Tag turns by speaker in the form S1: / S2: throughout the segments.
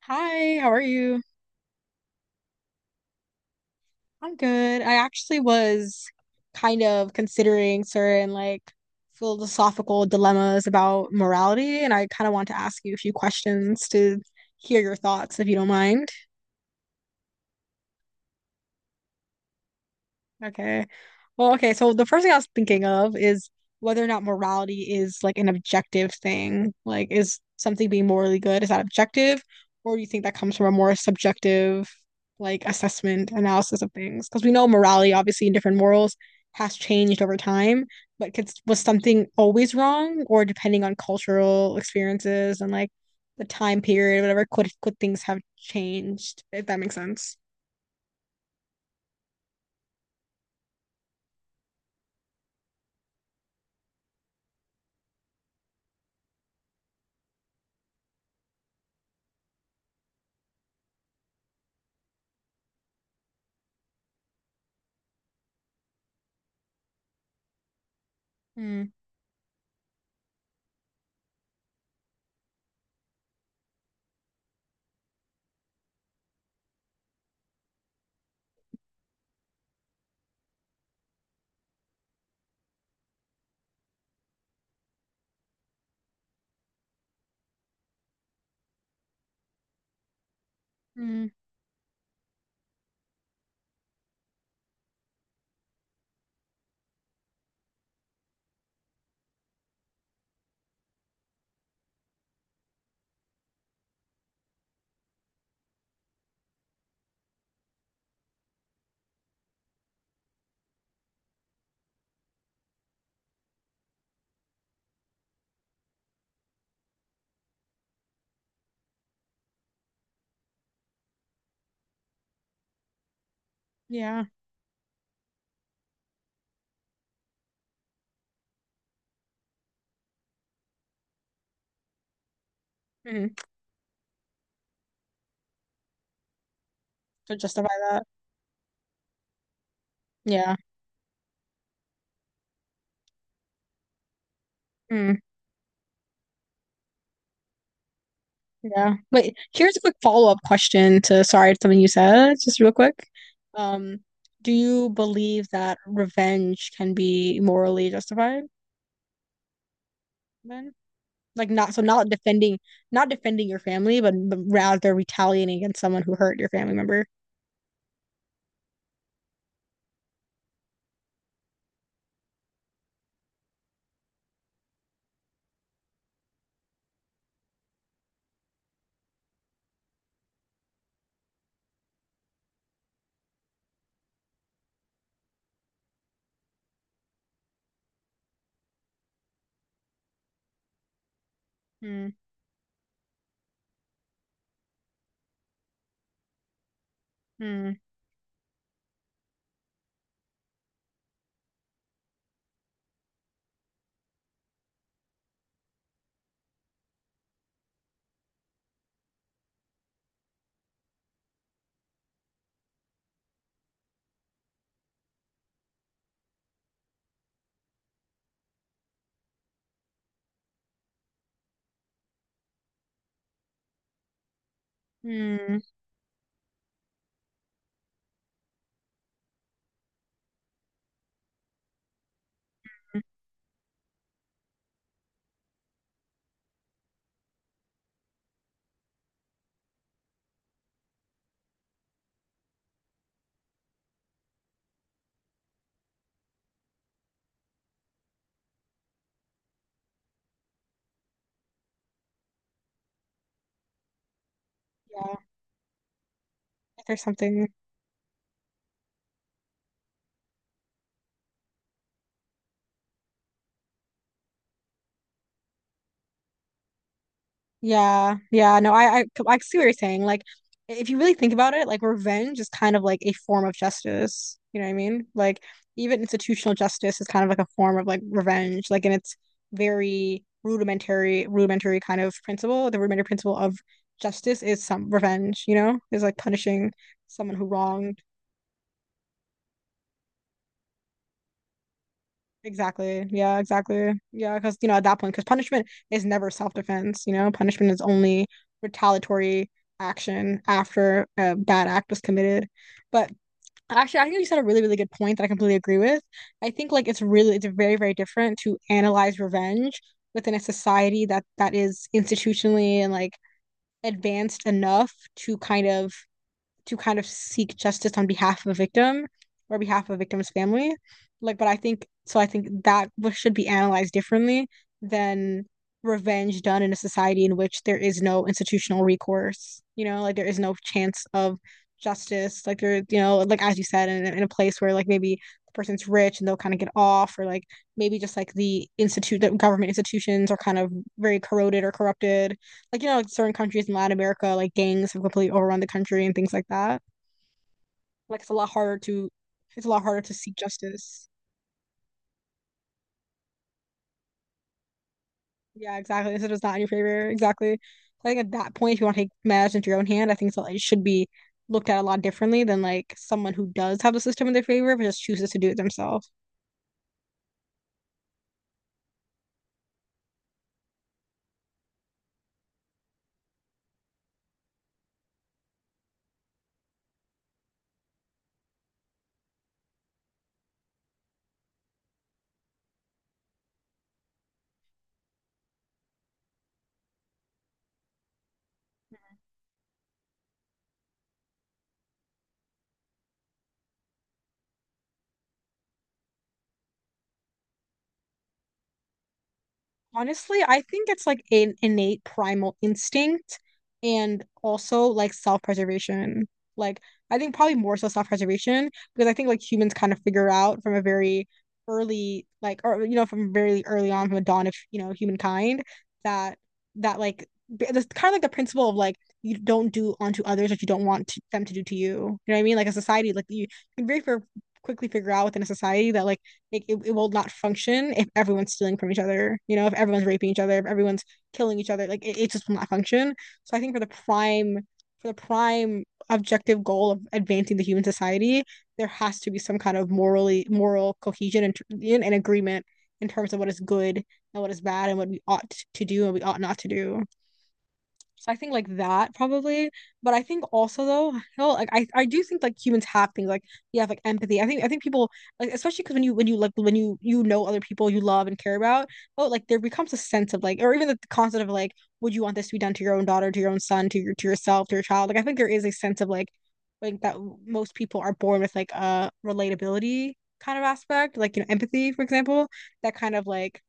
S1: Hi, how are you? I'm good. I actually was kind of considering certain philosophical dilemmas about morality, and I kind of want to ask you a few questions to hear your thoughts, if you don't mind. Okay. So the first thing I was thinking of is whether or not morality is like an objective thing. Like, is something being morally good, is that objective? Or do you think that comes from a more subjective, like, assessment, analysis of things? Because we know morality, obviously, in different morals has changed over time, but was something always wrong? Or depending on cultural experiences and like the time period, whatever, could things have changed, if that makes sense? Mm, mm, yeah. Mhm. To justify that. Yeah. Mm, yeah. Wait, here's a quick follow-up question to, sorry, something you said, just real quick. Um, do you believe that revenge can be morally justified then? Like not so not defending not defending your family, but rather retaliating against someone who hurt your family member. Hmm. Hmm. Hmm. Yeah. There's something. Yeah, yeah, no, I see what you're saying. Like, if you really think about it, like revenge is kind of like a form of justice. You know what I mean? Like, even institutional justice is kind of like a form of like revenge. Like, and it's rudimentary kind of principle. The rudimentary principle of justice is some revenge. You know, is like punishing someone who wronged. Exactly. Yeah, exactly. Yeah, because you know at that point, because punishment is never self-defense. You know, punishment is only retaliatory action after a bad act was committed. But actually, I think you said a really good point that I completely agree with. I think like it's really, it's very different to analyze revenge within a society that is institutionally and like advanced enough to kind of seek justice on behalf of a victim or behalf of a victim's family. Like, but I think so. I think that w- should be analyzed differently than revenge done in a society in which there is no institutional recourse. You know, like there is no chance of justice. Like there, you know, like as you said, in a place where like maybe the person's rich and they'll kind of get off, or like maybe just like the institute, the government institutions are kind of very corroded or corrupted, like you know, like certain countries in Latin America, like gangs have completely overrun the country and things like that. Like it's a lot harder to, it's a lot harder to seek justice. Yeah, exactly. So it's not in your favor. Exactly. So I think at that point, if you want to take matters into your own hand, I think so, it should be looked at a lot differently than like someone who does have the system in their favor but just chooses to do it themselves. Honestly, I think it's like an innate primal instinct and also like self-preservation. Like, I think probably more so self-preservation because I think like humans kind of figure out from a very or you know, from very early on, from the dawn of, you know, humankind that, that like, that's kind of like the principle of like, you don't do unto others what you don't want to, them to do to you. You know what I mean? Like, a society, like, you can quickly figure out within a society that like, it will not function if everyone's stealing from each other, you know, if everyone's raping each other, if everyone's killing each other, it just will not function. So I think for the prime objective goal of advancing the human society, there has to be some kind of moral cohesion and agreement in terms of what is good and what is bad and what we ought to do and we ought not to do. So I think like that probably. But I think also though, hell, like I do think like humans have things like you have like empathy. I think people like especially because when you when you know other people you love and care about, oh like there becomes a sense of like or even the concept of like would you want this to be done to your own daughter, to your own son, to your to yourself, to your child? Like I think there is a sense of like that most people are born with like a relatability kind of aspect, like you know empathy for example, that kind of like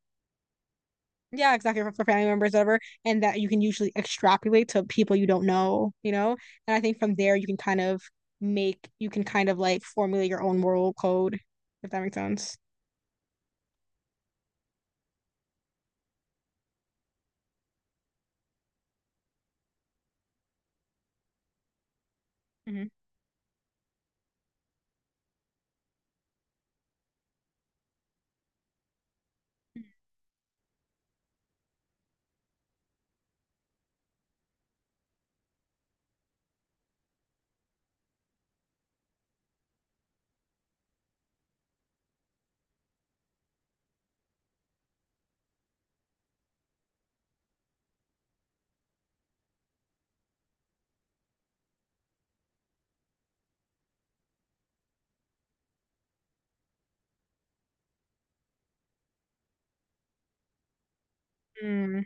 S1: yeah, exactly for family members, whatever, and that you can usually extrapolate to people you don't know, you know. And I think from there you can kind of make you can kind of like formulate your own moral code, if that makes sense. Mhm. Mm.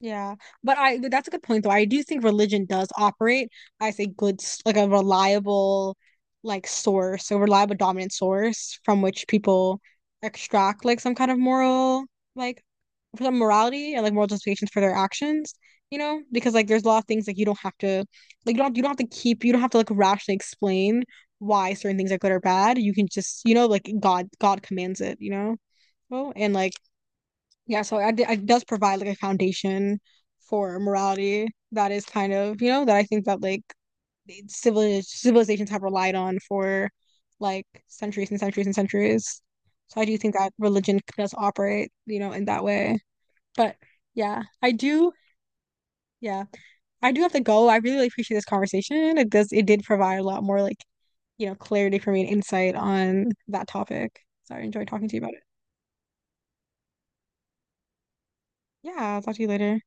S1: Yeah, but I that's a good point though. I do think religion does operate as a good, s- like a reliable, like source, a reliable dominant source from which people extract like some kind of moral, like some morality and like moral justifications for their actions. You know, because like there's a lot of things like you don't have to, like you don't have to keep you don't have to like rationally explain why certain things are good or bad. You can just you know like God commands it. You know, oh, and like yeah, so I d- it does provide like a foundation for morality that is kind of, you know, that I think that like civilizations have relied on for like centuries and centuries and centuries. So I do think that religion does operate, you know, in that way. But yeah, yeah, I do have to go. I really, appreciate this conversation. It does, it did provide a lot more like, you know, clarity for me and insight on that topic. So I enjoyed talking to you about it. Yeah, I'll talk to you later.